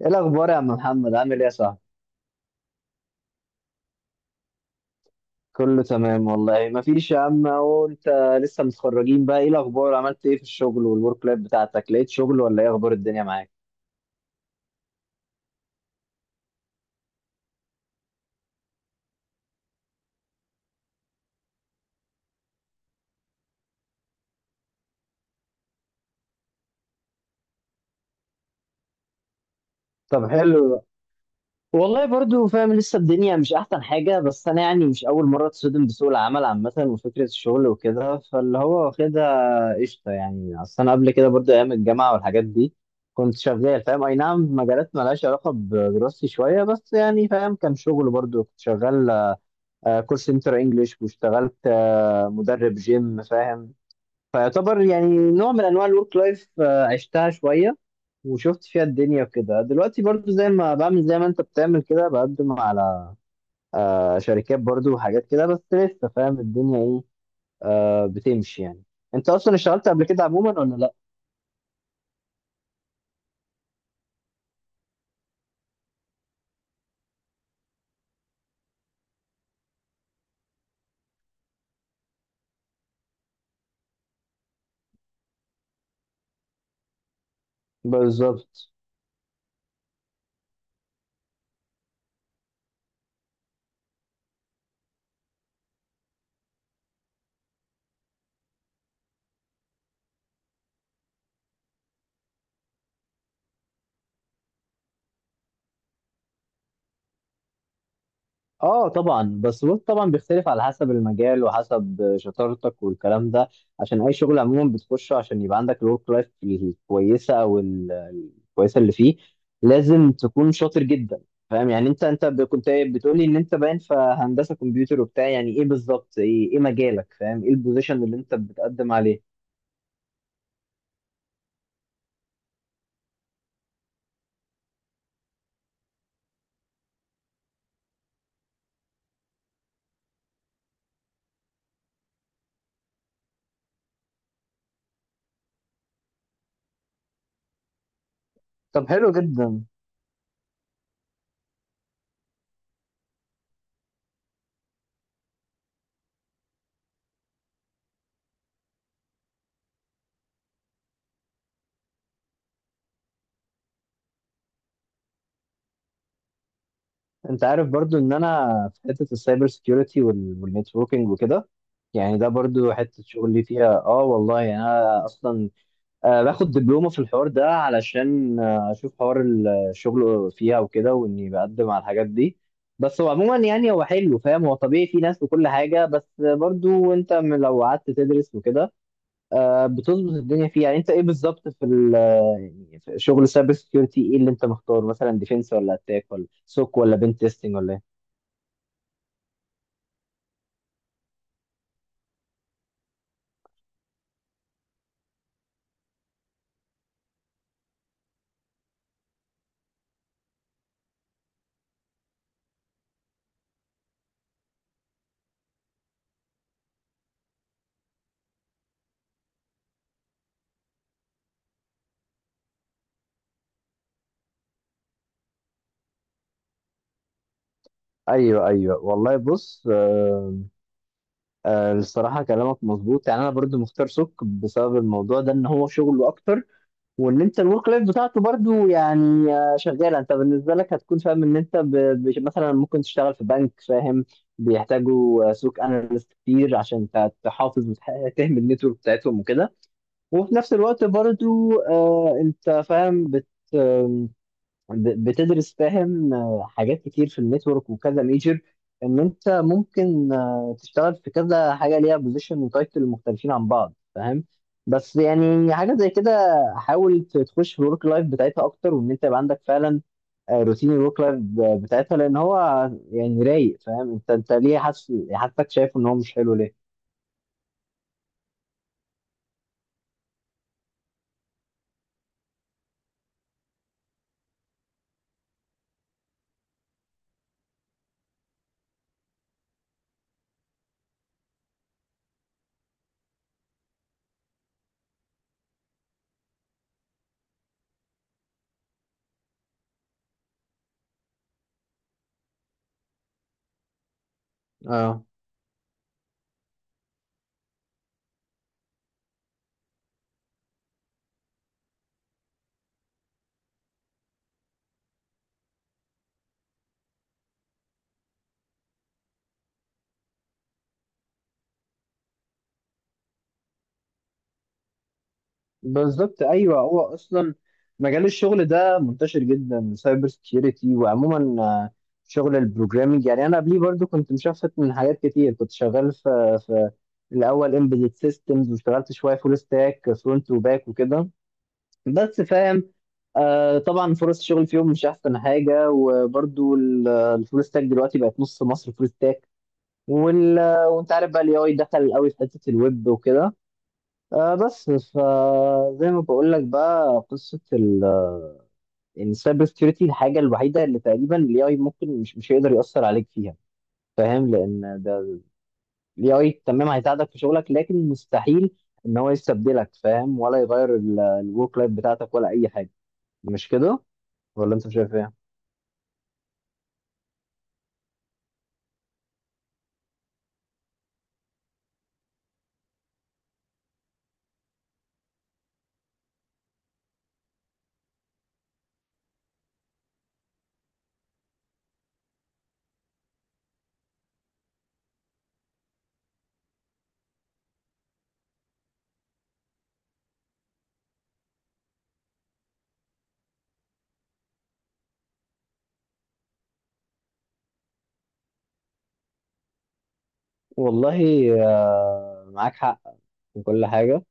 ايه الاخبار يا عم محمد؟ عامل ايه يا صاحبي؟ كله تمام والله، ما فيش يا عم، اهو انت لسه متخرجين بقى. ايه الاخبار؟ عملت ايه في الشغل والورك لايف بتاعتك؟ لقيت شغل ولا ايه اخبار الدنيا معاك؟ طب حلو ده. والله برضو فاهم، لسه الدنيا مش احسن حاجه، بس انا يعني مش اول مره اتصدم بسوق العمل عامه وفكره الشغل وكده، فاللي هو واخدها قشطه. يعني اصل انا قبل كده برضو ايام الجامعه والحاجات دي كنت شغال، فاهم؟ اي نعم في مجالات مالهاش علاقه بدراستي شويه، بس يعني فاهم، كان شغل برضو. كنت شغال كول سنتر انجلش، واشتغلت مدرب جيم، فاهم؟ فيعتبر يعني نوع من انواع الورك لايف، عشتها شويه وشفت فيها الدنيا وكده. دلوقتي برضو زي ما بعمل، زي ما انت بتعمل كده، بقدم على شركات برضو وحاجات كده، بس لسه فاهم الدنيا ايه، بتمشي يعني. انت اصلا اشتغلت قبل كده عموما ولا لا؟ بالظبط. اه طبعا، بس بص، طبعا بيختلف على حسب المجال وحسب شطارتك والكلام ده، عشان اي شغل عموما بتخشه عشان يبقى عندك الورك لايف الكويسه او الكويسه اللي فيه، لازم تكون شاطر جدا. فاهم يعني؟ كنت بتقولي ان انت باين في هندسه كمبيوتر وبتاع، يعني ايه بالظبط؟ ايه مجالك، فاهم؟ ايه البوزيشن اللي انت بتقدم عليه؟ طب حلو جدا. انت عارف برضو ان انا في حته السايبر سيكيورتي والنتوركينج وكده، يعني ده برضو حته شغلي فيها. اه والله يعني انا اصلا آه باخد دبلومه في الحوار ده علشان آه اشوف حوار الشغل فيها وكده، واني بقدم على الحاجات دي. بس هو عموما يعني هو حلو، فاهم؟ هو طبيعي في ناس وكل حاجه، بس برضو لو قعدت تدرس وكده آه بتظبط الدنيا فيها. يعني انت ايه بالظبط في يعني في شغل السايبر سيكيورتي، ايه اللي انت مختار؟ مثلا ديفنس ولا اتاك ولا سوك ولا بنت تيستنج ولا ايه؟ ايوه ايوه والله، بص آه آه، الصراحه كلامك مظبوط. يعني انا برضو مختار سك بسبب الموضوع ده، ان هو شغله اكتر، وان انت الورك لايف بتاعته برضو يعني آه شغاله. انت بالنسبه لك هتكون فاهم ان انت مثلا ممكن تشتغل في بنك، فاهم؟ بيحتاجوا سوق اناليست كتير عشان تحافظ وتهمل النتورك بتاعتهم وكده. وفي نفس الوقت برضو آه انت فاهم بتدرس، فاهم؟ حاجات كتير في النتورك وكذا ميجر، ان انت ممكن تشتغل في كذا حاجه ليها بوزيشن وتايتل مختلفين عن بعض، فاهم؟ بس يعني حاجه زي كده، حاول تخش في الورك لايف بتاعتها اكتر، وان انت يبقى عندك فعلا روتين الورك لايف بتاعتها، لان هو يعني رايق، فاهم؟ انت ليه حاسس، حاسسك شايفه ان هو مش حلو ليه؟ اه بالظبط. ايوه، هو اصلا مجال الشغل ده منتشر جدا سايبر سكيورتي، وعموما شغل البروجرامينج. يعني انا قبليه برضو كنت مشفت من حاجات كتير، كنت شغال في الاول امبيدد سيستمز، واشتغلت شويه فول ستاك فرونت وباك وكده، بس فاهم آه طبعا فرص الشغل فيهم مش احسن حاجه. وبرضو الفول ستاك دلوقتي بقت نص مصر فول ستاك، وال- وانت عارف بقى الاي اي دخل قوي في حته الويب وكده. آه بس فزي ما بقول لك بقى، قصه ان السايبر سكيورتي الحاجه الوحيده اللي تقريبا الاي اي ممكن مش هيقدر ياثر عليك فيها، فاهم؟ لان ده الاي اي تمام هيساعدك في شغلك، لكن مستحيل ان هو يستبدلك، فاهم؟ ولا يغير الورك لايف بتاعتك ولا اي حاجه. مش كده؟ ولا انت شايف ايه؟ والله آه معاك حق في كل حاجه،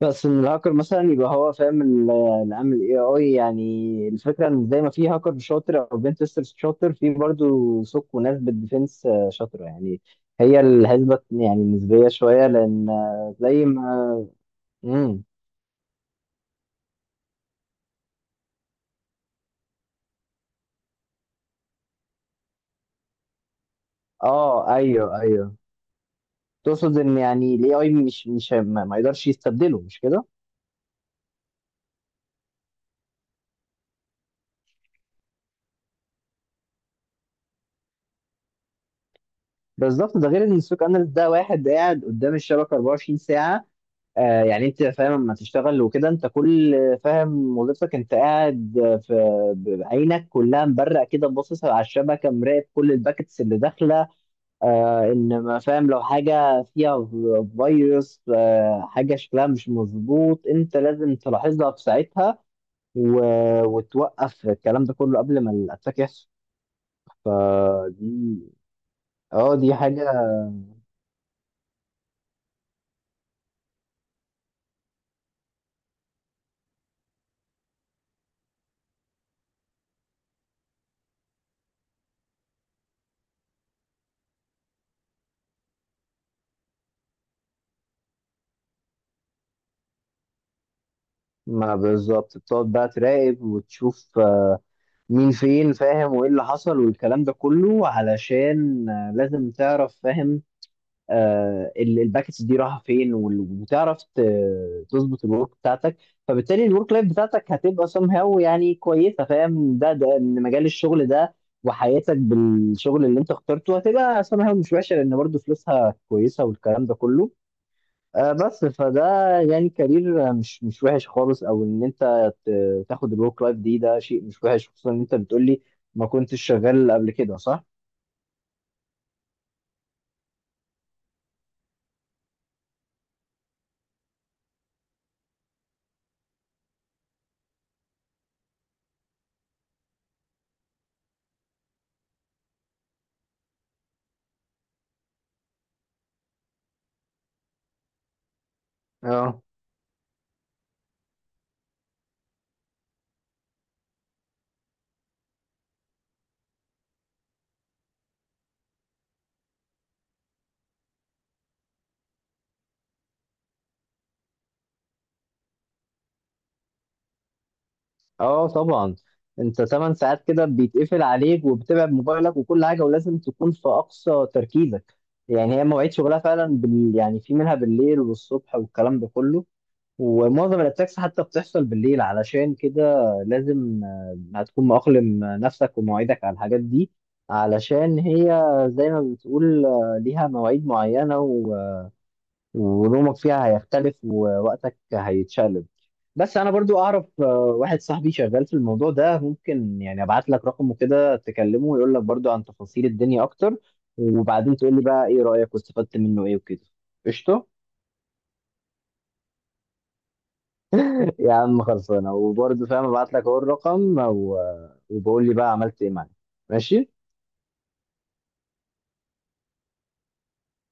بس الهاكر مثلا يبقى هو فاهم اللي عامل الاي اي. يعني الفكره ان زي ما في هاكر شاطر او بين تيستر شاطر، في برضو سوق وناس بالديفنس شاطره يعني، هي الحسبه يعني نسبيه شويه، لان زي ما امم اه ايوه ايوه، تقصد ان يعني الاي اي مش ما يقدرش يستبدله، مش كده؟ بالظبط. ده غير ان السوق اناليست ده واحد قاعد قدام الشبكه 24 ساعه. آه يعني انت فاهم لما تشتغل وكده، انت كل، فاهم، وظيفتك انت قاعد في بعينك كلها مبرق كده، باصص على الشبكه، مراقب كل الباكتس اللي داخله. آه ان ما فاهم لو حاجه فيها فيروس آه حاجه شكلها مش مظبوط، انت لازم تلاحظها في ساعتها، و... وتوقف الكلام ده كله قبل ما الاتاك يحصل. فدي اه دي حاجه. ما بالظبط، بتقعد بقى تراقب وتشوف مين فين، فاهم، وايه اللي حصل، والكلام ده كله، علشان لازم تعرف، فاهم، الباكتس دي رايحه فين، وتعرف تظبط الورك بتاعتك. فبالتالي الورك لايف بتاعتك هتبقى سم هاو يعني كويسه، فاهم؟ ده ان مجال الشغل ده وحياتك بالشغل اللي انت اخترته هتبقى سم هاو مش وحشه، لان برضه فلوسها كويسه والكلام ده كله، بس فده يعني كارير مش وحش خالص. او ان انت تاخد الورك لايف دي، ده شيء مش وحش، خصوصا ان انت بتقولي ما كنتش شغال قبل كده، صح؟ اه. اه طبعا، انت 8 ساعات كده بيتقفل عليك، وبتبعد موبايلك وكل حاجه، ولازم تكون في اقصى تركيزك. يعني هي مواعيد شغلها فعلا يعني في منها بالليل والصبح والكلام ده كله، ومعظم الاتاكس حتى بتحصل بالليل، علشان كده لازم هتكون مأقلم نفسك ومواعيدك على الحاجات دي، علشان هي زي ما بتقول ليها مواعيد معينة ونومك فيها هيختلف ووقتك هيتشقلب. بس انا برضو اعرف واحد صاحبي شغال في الموضوع ده، ممكن يعني ابعت لك رقمه كده، تكلمه ويقول لك برضو عن تفاصيل الدنيا اكتر، وبعدين تقول لي بقى ايه رأيك واستفدت منه ايه وكده. قشطة. يا عم خلصانه، وبرضه فاهم ابعت لك اهو الرقم وبقول لي بقى عملت ايه معايا. ماشي.